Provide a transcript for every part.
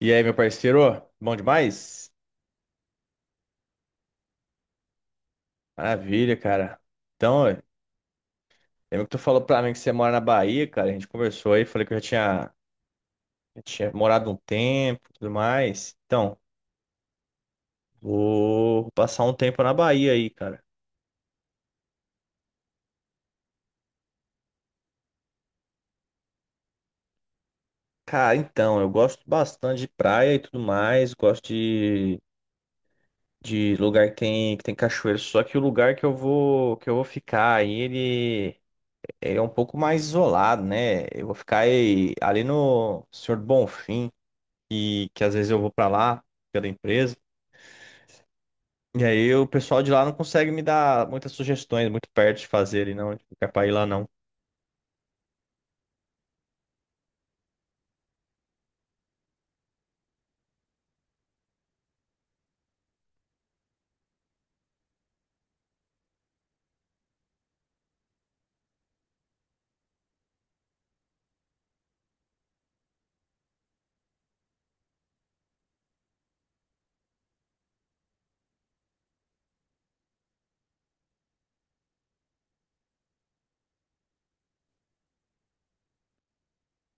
E aí, meu parceiro? Bom demais? Maravilha, cara. Então, ué, lembra que tu falou pra mim que você mora na Bahia, cara? A gente conversou aí, falei que já tinha morado um tempo e tudo mais. Então, vou passar um tempo na Bahia aí, cara. Cara, então, eu gosto bastante de praia e tudo mais, de lugar que tem cachoeira, só que o lugar que eu vou ficar aí, ele é um pouco mais isolado, né? Eu vou ficar aí, ali no Senhor do Bonfim, e que às vezes eu vou pra lá pela empresa. E aí o pessoal de lá não consegue me dar muitas sugestões, muito perto de fazer ele, não, tipo, quer pra ir lá não.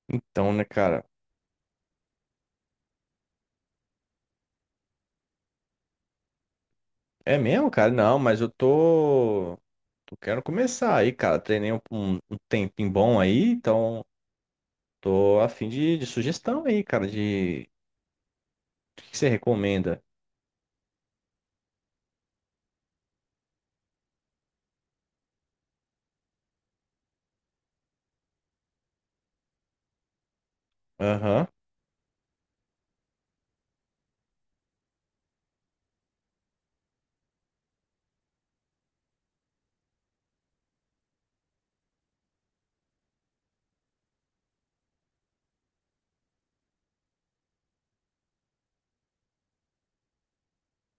Então, né, cara? É mesmo, cara? Não, mas eu tô. Eu quero começar aí, cara. Treinei um tempinho bom aí, então tô a de sugestão aí, cara, de o que que você recomenda? Aham.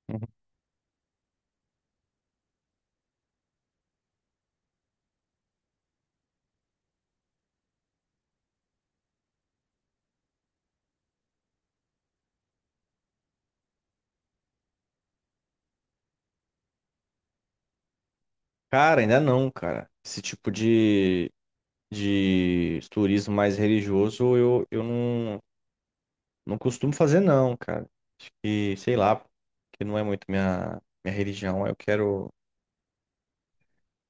Uhum. Cara, ainda não, cara. Esse de turismo mais religioso eu não, não costumo fazer, não, cara. Acho que, sei lá, que não é muito minha religião.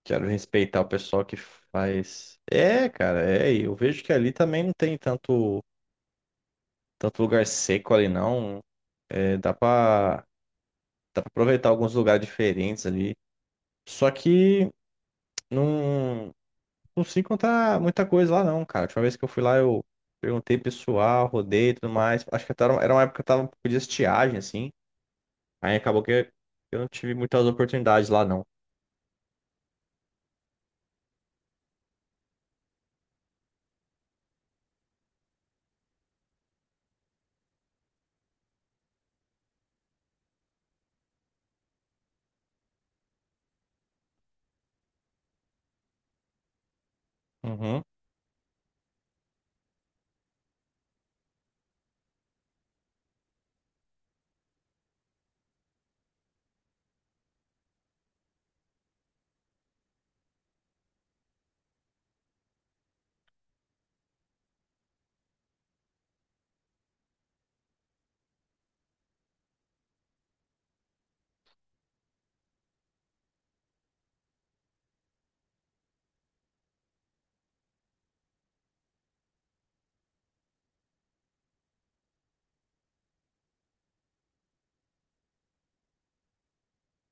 Quero respeitar o pessoal que faz. É, cara, é. E eu vejo que ali também não tem tanto, tanto lugar seco ali, não. É, dá pra aproveitar alguns lugares diferentes ali. Só que não, não se encontrar muita coisa lá, não, cara. A última vez que eu fui lá, eu perguntei pessoal, rodei e tudo mais. Acho que até era uma época que tava um pouco de estiagem, assim. Aí acabou que eu não tive muitas oportunidades lá, não. Uhum.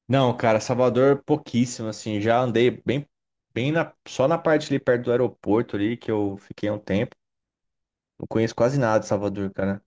Não, cara, Salvador pouquíssimo, assim, já andei bem na, só na parte ali perto do aeroporto ali que eu fiquei um tempo. Não conheço quase nada de Salvador, cara.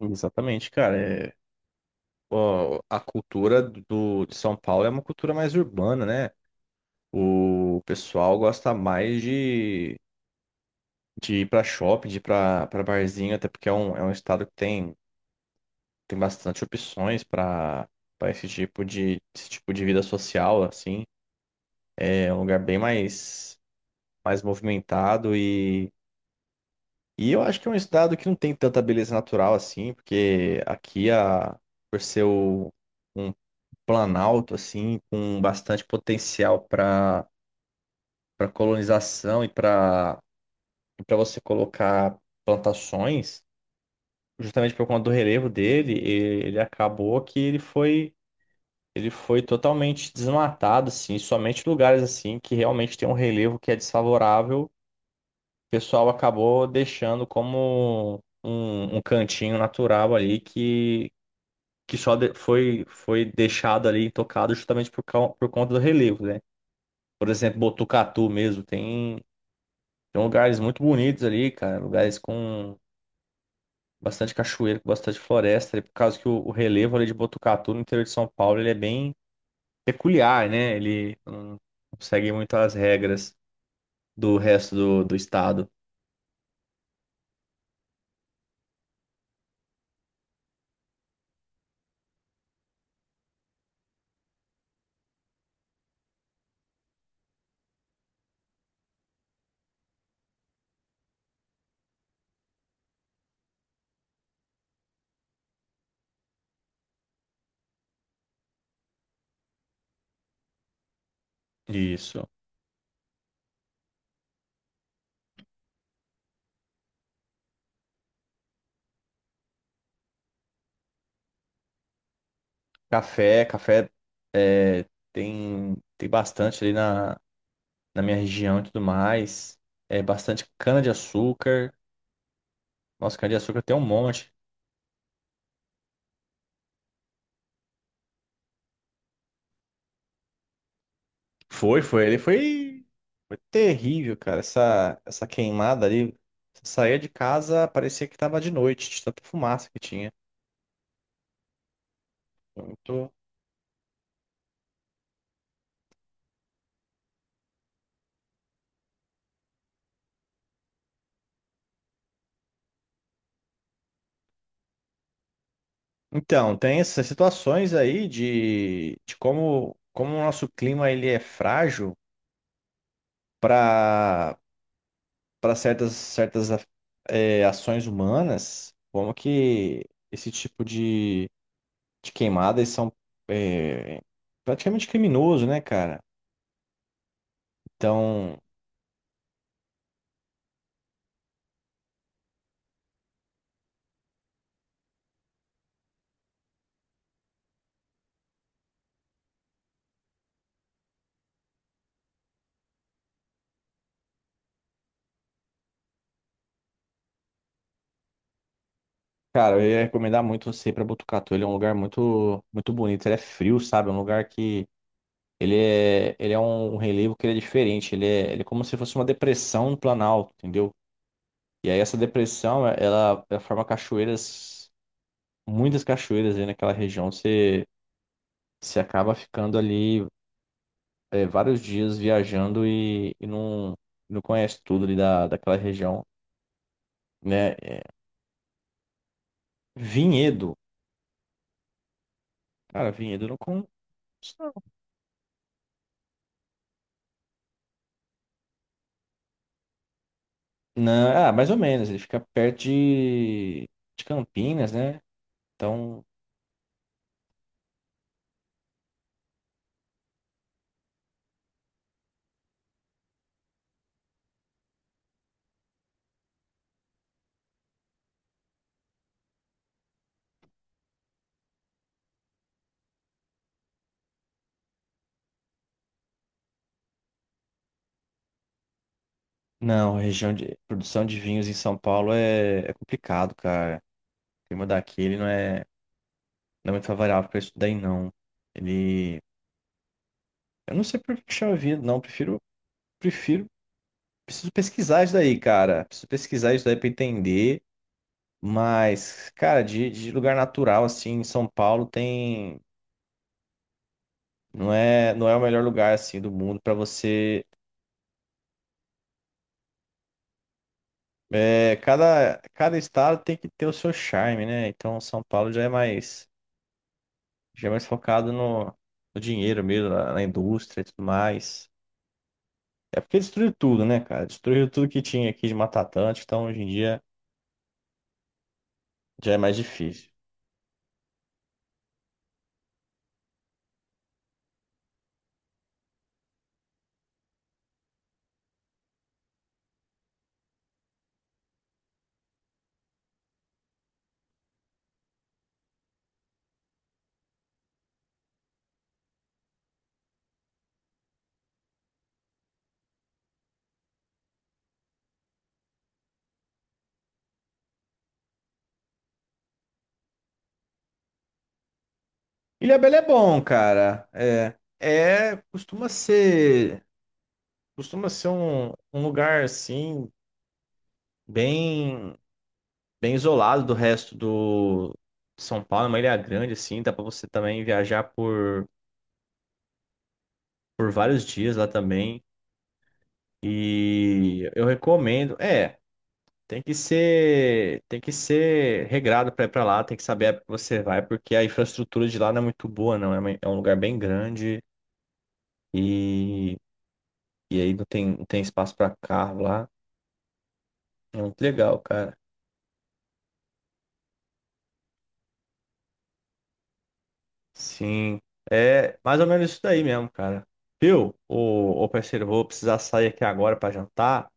Exatamente, cara. É, ó, a cultura de São Paulo é uma cultura mais urbana, né? O pessoal gosta mais de ir pra shopping, de ir pra barzinho, até porque é um estado que tem tem bastante opções para para esse tipo de vida social assim é um lugar bem mais mais movimentado e eu acho que é um estado que não tem tanta beleza natural assim, porque aqui a por ser o- um planalto assim com bastante potencial para para colonização e para para você colocar plantações justamente por conta do relevo dele ele acabou que ele foi totalmente desmatado, assim, somente lugares assim que realmente tem um relevo que é desfavorável. O pessoal acabou deixando como um cantinho natural ali que só foi, foi deixado ali intocado justamente por conta do relevo, né? Por exemplo, Botucatu mesmo, tem, tem lugares muito bonitos ali, cara, lugares com bastante cachoeira, com bastante floresta, e por causa que o relevo ali de Botucatu no interior de São Paulo, ele é bem peculiar, né? Ele não segue muito as regras do resto do estado. Isso. Café, café é, tem, tem bastante ali na minha região e tudo mais. É bastante cana-de-açúcar. Nossa, cana-de-açúcar tem um monte. Foi, foi. Foi terrível, cara. Essa queimada ali. Você saía de casa, parecia que tava de noite, de tanta fumaça que tinha. Muito. Então, tem essas situações aí de como, como o nosso clima ele é frágil para para certas é, ações humanas, como que esse de queimadas são é, praticamente criminoso, né, cara? Então, cara, eu ia recomendar muito você ir para Botucatu. Ele é um lugar muito, muito bonito, ele é frio, sabe? É um lugar que ele é um um relevo que ele é diferente. Ele é como se fosse uma depressão no Planalto, entendeu? E aí essa depressão, é, ela forma cachoeiras, muitas cachoeiras aí naquela região. Você, você acaba ficando ali é, vários dias viajando e não, não conhece tudo ali daquela região, né? É, Vinhedo. Cara, Vinhedo eu não conheço, não. Não, é, ah, mais ou menos. Ele fica perto de Campinas, né? Então, não, a região de produção de vinhos em São Paulo é, é complicado, cara. O clima daqui, ele não é, não é muito favorável para isso daí, não. Ele... Eu não sei por que chama vida, não. Prefiro, prefiro, preciso pesquisar isso daí, cara. Preciso pesquisar isso daí pra entender. Mas, cara, de lugar natural, assim, em São Paulo tem. Não é o melhor lugar, assim, do mundo pra você. É, cada, cada estado tem que ter o seu charme, né? Então, São Paulo já é mais focado no, no dinheiro mesmo, na, na indústria e tudo mais. É porque destruiu tudo, né, cara? Destruiu tudo que tinha aqui de Mata Atlântica, então hoje em dia já é mais difícil. Ilhabela é bom, cara. É, é costuma ser um, um lugar assim bem, bem isolado do resto do de São Paulo, é uma ilha grande assim, dá pra você também viajar por vários dias lá também. E eu recomendo, é, tem que ser regrado pra ir pra lá, tem que saber a época que você vai, porque a infraestrutura de lá não é muito boa, não. É, é um lugar bem grande. E e aí não tem, não tem espaço para carro lá. É muito legal, cara. Sim. É mais ou menos isso daí mesmo, cara. Viu? Ô, ô parceiro, eu vou precisar sair aqui agora para jantar,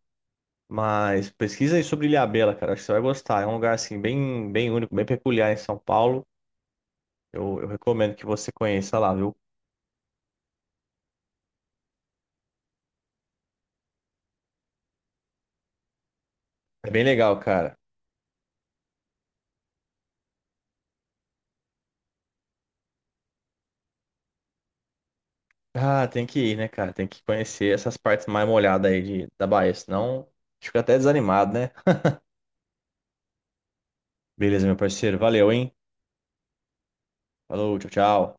mas pesquisa aí sobre Ilhabela, cara. Acho que você vai gostar. É um lugar assim bem, bem único, bem peculiar em São Paulo. Eu recomendo que você conheça lá, viu? É bem legal, cara. Ah, tem que ir, né, cara? Tem que conhecer essas partes mais molhadas aí da Bahia, senão fica até desanimado, né? Beleza, meu parceiro. Valeu, hein? Falou, tchau, tchau.